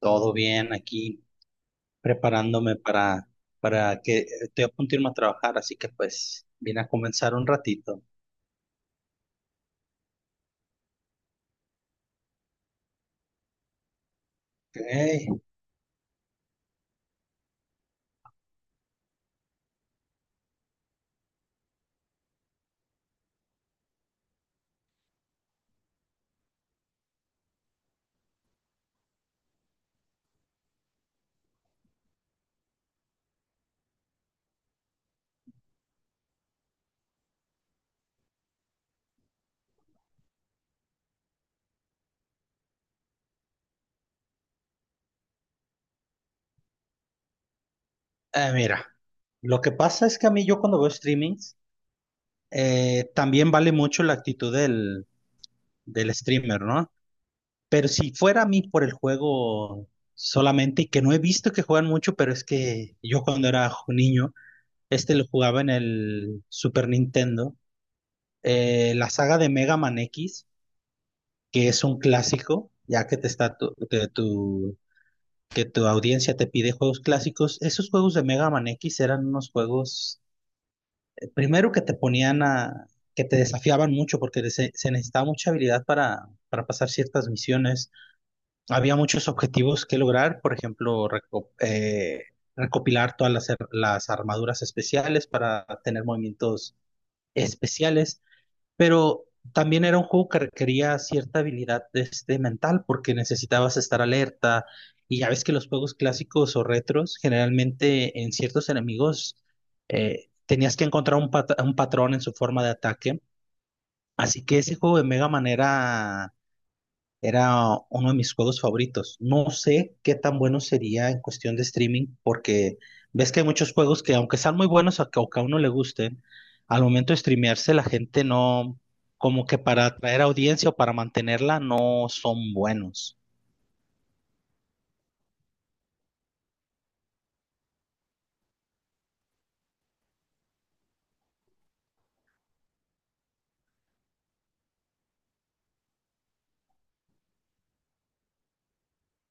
Todo bien aquí, preparándome para que estoy a punto de irme a trabajar, así que pues vine a comenzar un ratito. Ok. Mira, lo que pasa es que a mí yo cuando veo streamings, también vale mucho la actitud del streamer, ¿no? Pero si fuera a mí por el juego solamente, y que no he visto que juegan mucho, pero es que yo cuando era niño, este lo jugaba en el Super Nintendo, la saga de Mega Man X, que es un clásico. Ya que te está tu, que tu, que tu audiencia te pide juegos clásicos, esos juegos de Mega Man X eran unos juegos, primero, que te ponían a, que te desafiaban mucho, porque se necesitaba mucha habilidad para pasar ciertas misiones. Había muchos objetivos que lograr, por ejemplo, recopilar todas las armaduras especiales para tener movimientos especiales. Pero también era un juego que requería cierta habilidad, este, mental, porque necesitabas estar alerta, y ya ves que los juegos clásicos o retros generalmente en ciertos enemigos tenías que encontrar un patrón en su forma de ataque. Así que ese juego de Mega Man era uno de mis juegos favoritos. No sé qué tan bueno sería en cuestión de streaming, porque ves que hay muchos juegos que, aunque sean muy buenos o que a uno le gusten, al momento de streamearse la gente no, como que para atraer audiencia o para mantenerla, no son buenos.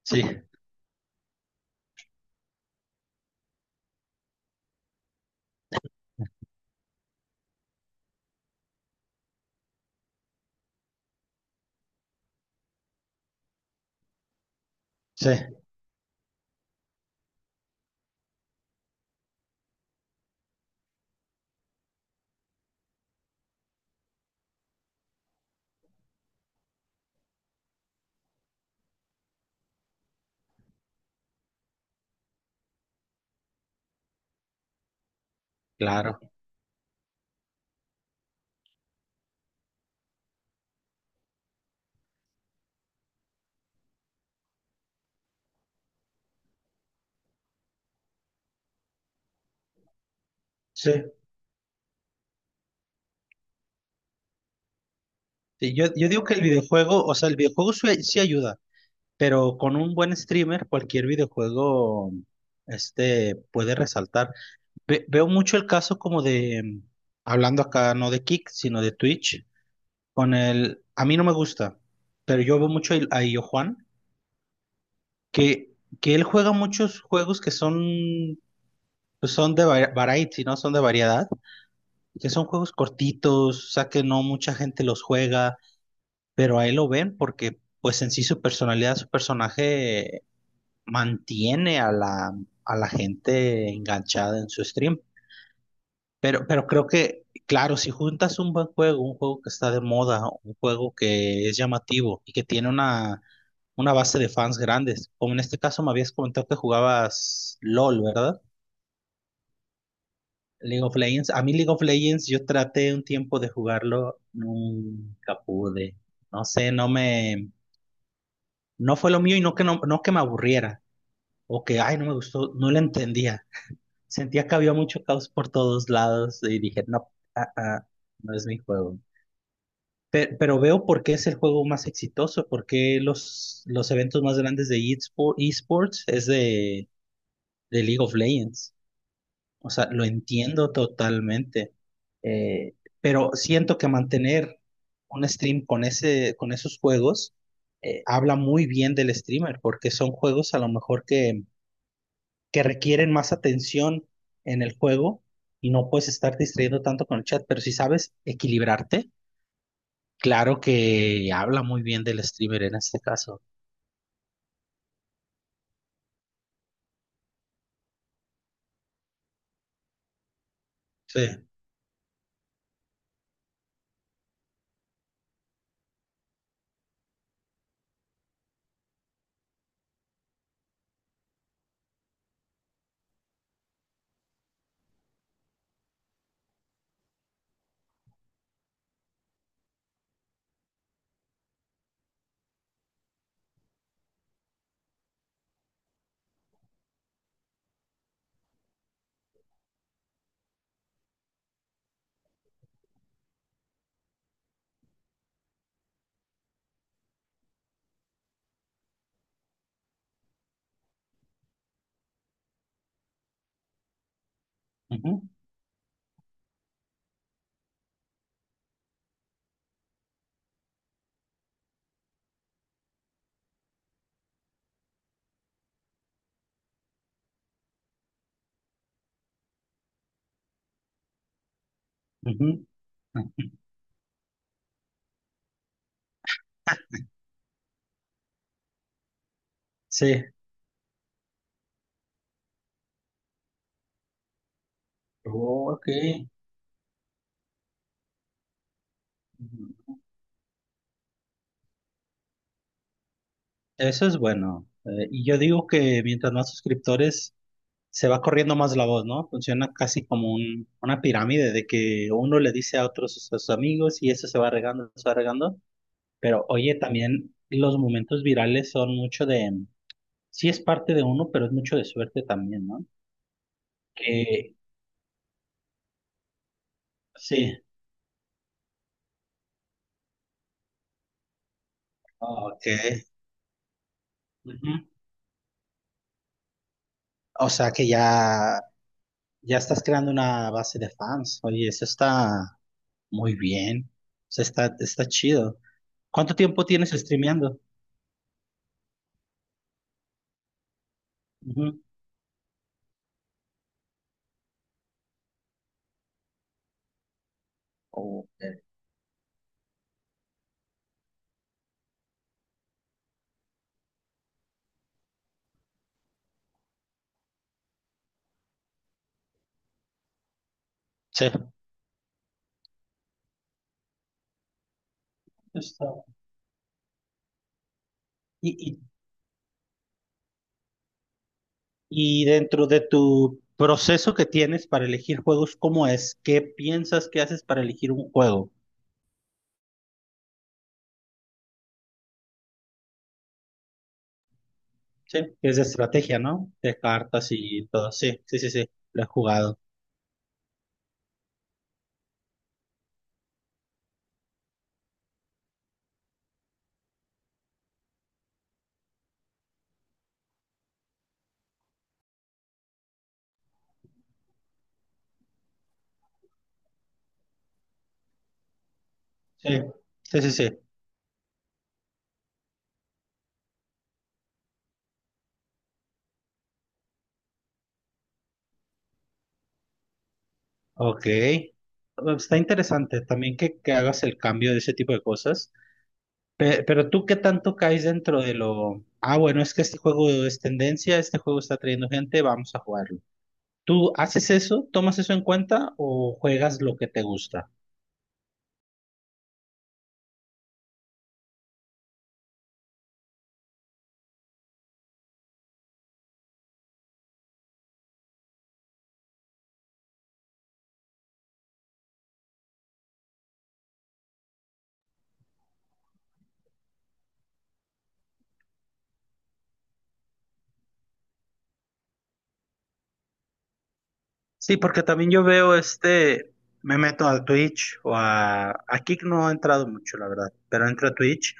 Sí, sí, claro. Sí. Sí, yo digo que el videojuego, o sea, el videojuego sí, sí ayuda, pero con un buen streamer, cualquier videojuego, este, puede resaltar. Veo mucho el caso como de, hablando acá no de Kick, sino de Twitch, con el, a mí no me gusta, pero yo veo mucho a Illo Juan, que, que él juega muchos juegos que son, pues son de variety, ¿no? Son de variedad, que son juegos cortitos, o sea que no mucha gente los juega, pero a él lo ven porque pues en sí su personalidad, su personaje mantiene a a la gente enganchada en su stream. Pero creo que, claro, si juntas un buen juego, un juego que está de moda, un juego que es llamativo y que tiene una base de fans grandes, como en este caso me habías comentado que jugabas LOL, ¿verdad? League of Legends. A mí League of Legends yo traté un tiempo de jugarlo, nunca pude. No sé, no fue lo mío, y no que no que me aburriera o que, ay, no me gustó, no lo entendía. Sentía que había mucho caos por todos lados y dije, no, ah, ah, no es mi juego. Pero veo por qué es el juego más exitoso, por qué los eventos más grandes de eSports es de League of Legends. O sea, lo entiendo totalmente. Eh, pero siento que mantener un stream con con esos juegos, habla muy bien del streamer, porque son juegos a lo mejor que requieren más atención en el juego y no puedes estar distrayendo tanto con el chat. Pero si sabes equilibrarte, claro que habla muy bien del streamer en este caso. Sí. Ujú, ujú. Sí. Oh, ok. Ujú. Eso es bueno. Y yo digo que mientras más suscriptores, se va corriendo más la voz, ¿no? Funciona casi como una pirámide, de que uno le dice a otros a sus amigos y eso se va regando, se va regando. Pero oye, también los momentos virales son mucho de, sí es parte de uno, pero es mucho de suerte también, ¿no? Que sí, oh, ok. Ujú. O sea que ya estás creando una base de fans. Oye, eso está muy bien. O sea, está, está chido. ¿Cuánto tiempo tienes streameando? Ujú. Ok. Sí. Está. Y, y dentro de tu proceso que tienes para elegir juegos, ¿cómo es? ¿Qué piensas que haces para elegir un juego? Sí, que es de estrategia, ¿no? De cartas y todo. Sí, sí, sí, sí. Lo he jugado. Sí, sí, sí, sí. Ok. Está interesante también que hagas el cambio de ese tipo de cosas. Pero tú, ¿qué tanto caes dentro de lo... Ah, bueno, es que este juego es tendencia, este juego está trayendo gente, vamos a jugarlo. ¿Tú haces eso? ¿Tomas eso en cuenta o juegas lo que te gusta? Sí, porque también yo veo este, me meto a Twitch o a Kick no he entrado mucho, la verdad, pero entro a Twitch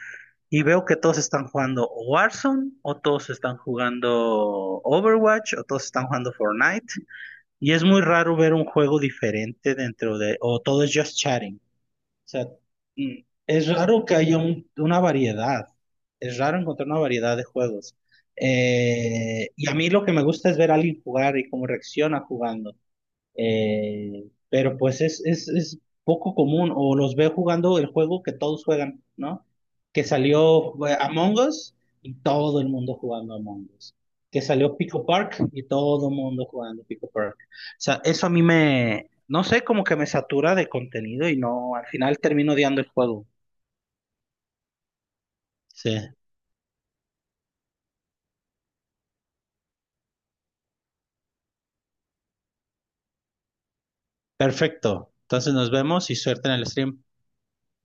y veo que todos están jugando o Warzone o todos están jugando Overwatch o todos están jugando Fortnite, y es muy raro ver un juego diferente dentro de, o todo es just chatting. O sea, mm, es raro que haya una variedad, es raro encontrar una variedad de juegos. Y a mí lo que me gusta es ver a alguien jugar y cómo reacciona jugando. Pero pues es poco común, o los veo jugando el juego que todos juegan, ¿no? Que salió, Among Us, y todo el mundo jugando Among Us. Que salió Pico Park y todo el mundo jugando Pico Park. O sea, eso a mí me, no sé, como que me satura de contenido y no, al final termino odiando el juego. Sí, perfecto. Entonces nos vemos y suerte en el stream.